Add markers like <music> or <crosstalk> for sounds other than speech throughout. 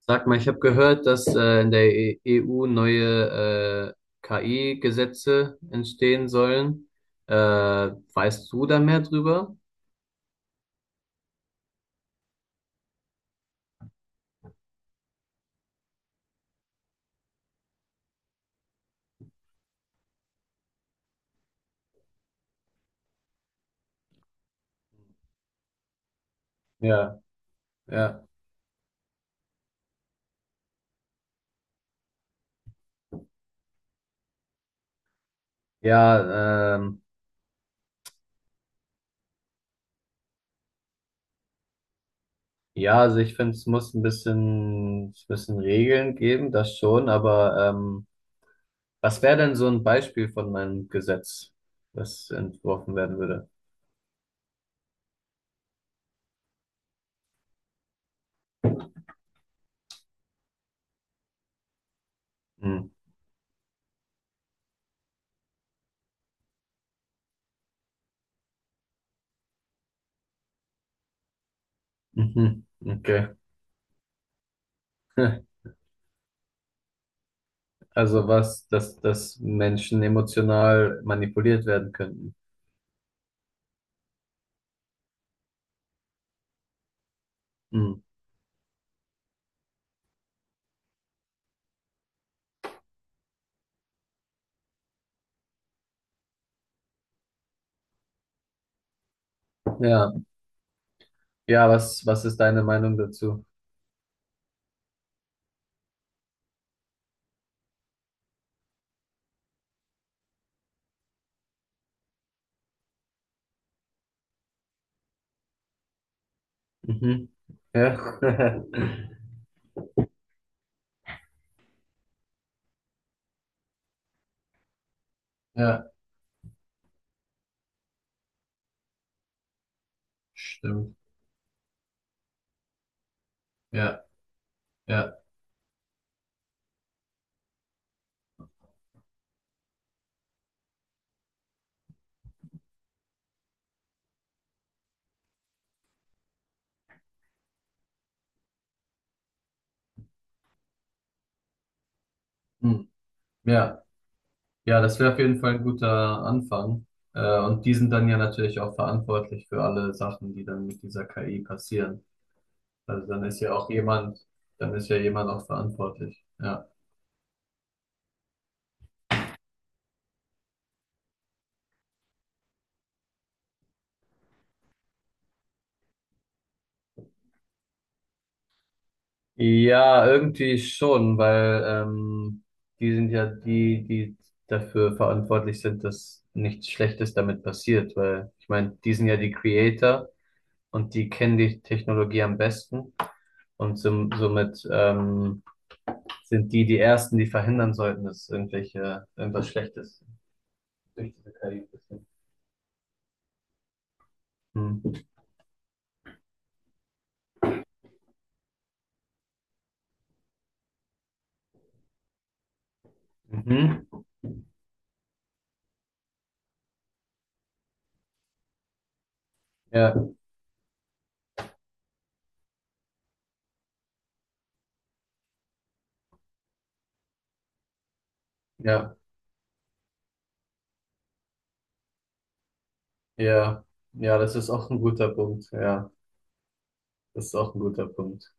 Sag mal, ich habe gehört, dass in der EU neue KI-Gesetze entstehen sollen. Weißt du da mehr drüber? Ja, ja, ja, ähm, ja, also ich finde, es muss ein bisschen, es müssen Regeln geben, das schon, aber was wäre denn so ein Beispiel von einem Gesetz, das entworfen werden würde? Hm. Mhm. Okay. <laughs> Also dass Menschen emotional manipuliert werden könnten. Hm. Ja, ja, was ist deine Meinung dazu? Mhm. Ja. <laughs> Ja, stimmt. Ja, ja, hm. Ja, ja, das wäre auf jeden Fall ein guter Anfang. Und die sind dann ja natürlich auch verantwortlich für alle Sachen, die dann mit dieser KI passieren. Also dann ist ja auch jemand, Dann ist ja jemand auch verantwortlich. Ja. Ja, irgendwie schon, weil die sind ja die, die dafür verantwortlich sind, dass nichts Schlechtes damit passiert, weil ich meine, die sind ja die Creator und die kennen die Technologie am besten und somit sind die die Ersten, die verhindern sollten, dass irgendwelche irgendwas Schlechtes durch diese KI passiert. Hm. Mhm. Ja, ja, ja, ja, das ist auch ein guter Punkt. Ja, das ist auch ein guter Punkt.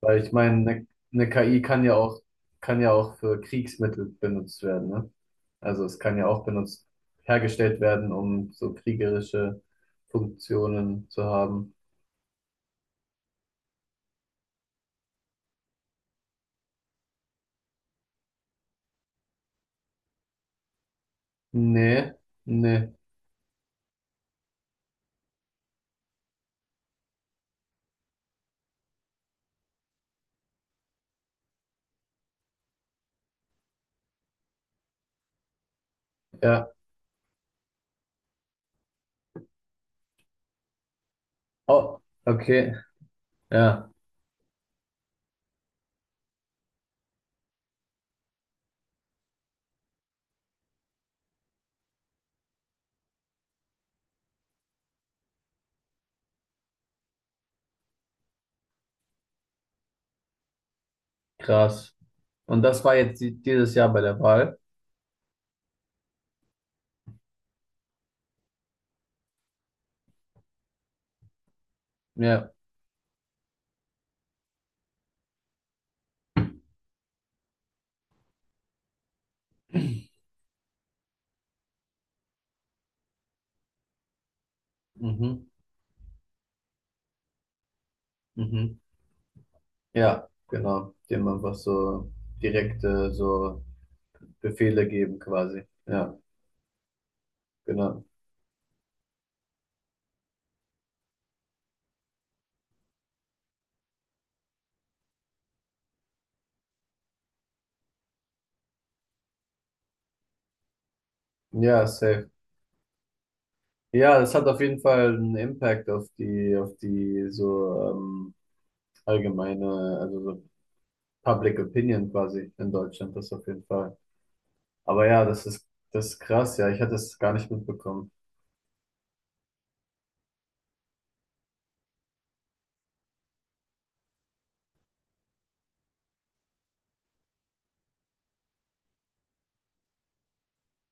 Weil ich meine, eine KI kann ja auch, kann ja auch für Kriegsmittel benutzt werden, ne? Also es kann ja auch benutzt, Hergestellt werden, um so kriegerische Funktionen zu haben. Nee, nee. Ja. Oh, okay, ja, krass. Und das war jetzt dieses Jahr bei der Wahl. Ja. mhm, mhm. Ja, genau. Dem einfach so direkte so Befehle geben quasi. Ja, genau. Ja, safe. Ja, das hat auf jeden Fall einen Impact auf auf die so allgemeine, also so Public Opinion quasi in Deutschland, das auf jeden Fall. Aber ja, das ist krass, ja, ich hatte es gar nicht mitbekommen.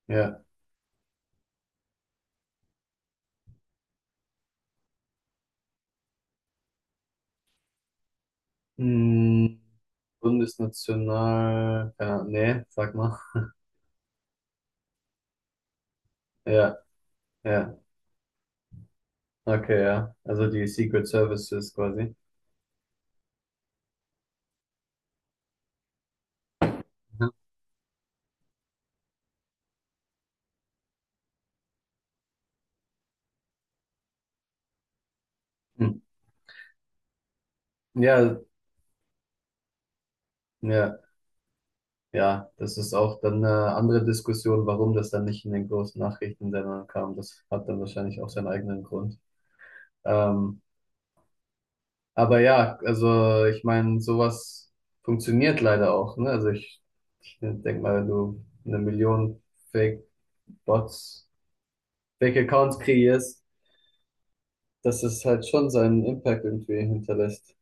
Ja. Hm, Bundesnational, ja, nee, sag mal. Ja, ja, okay, ja. Also die Secret Services quasi. Mhm. Hm. Ja, ja. Ja, das ist auch dann eine andere Diskussion, warum das dann nicht in den großen Nachrichtensendern kam. Das hat dann wahrscheinlich auch seinen eigenen Grund. Ähm, aber ja, also ich meine, sowas funktioniert leider auch, ne? Ich denke mal, wenn du eine Million Fake-Bots, Fake-Accounts kreierst, dass es halt schon seinen Impact irgendwie hinterlässt.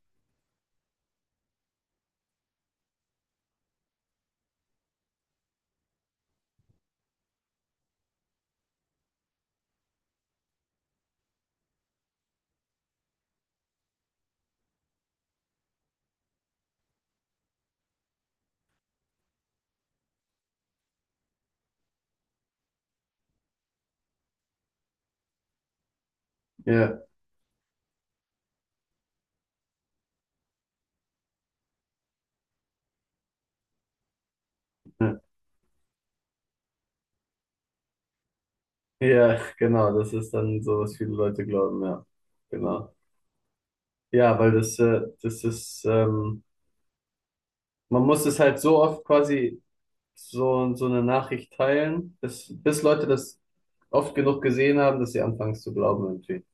Ja, ja. Ja, genau, das ist dann so, was viele Leute glauben, ja, genau. Ja, weil das, das ist, man muss es halt so oft quasi so, so eine Nachricht teilen, bis Leute das oft genug gesehen haben, dass sie anfangen es zu glauben irgendwie.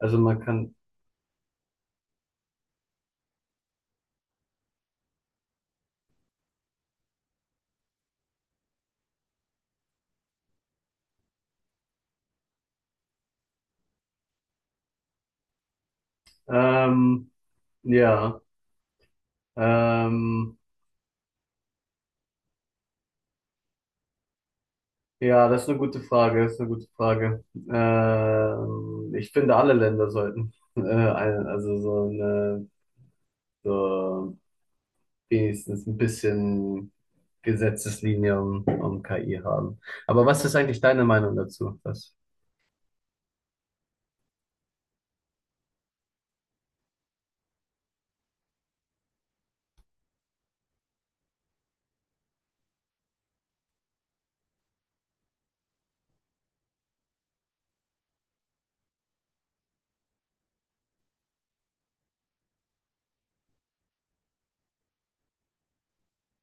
Also man kann, ähm, ja, ähm, ja, das ist eine gute Frage, das ist eine gute Frage. Ich finde, alle Länder sollten, <laughs> also so eine, so wenigstens ein bisschen Gesetzeslinie um KI haben. Aber was ist eigentlich deine Meinung dazu? Was?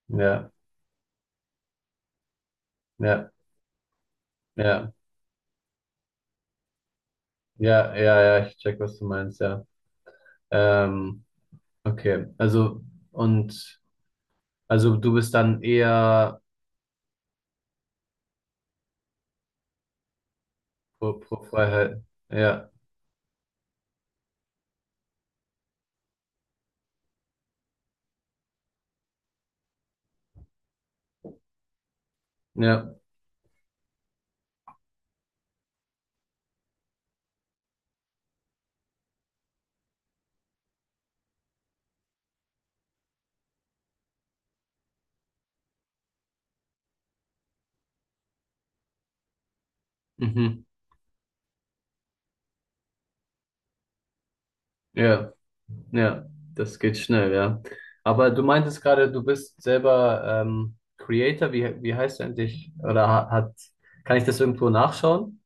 Ja, ja. Ja, ja, ich check, was du meinst, ja. Ähm, okay, also und also du bist dann eher pro, pro Freiheit. Ja, ja, mhm, ja, ja, das geht schnell, ja. Aber du meintest gerade, du bist selber Creator, wie heißt du eigentlich? Oder hat, kann ich das irgendwo nachschauen?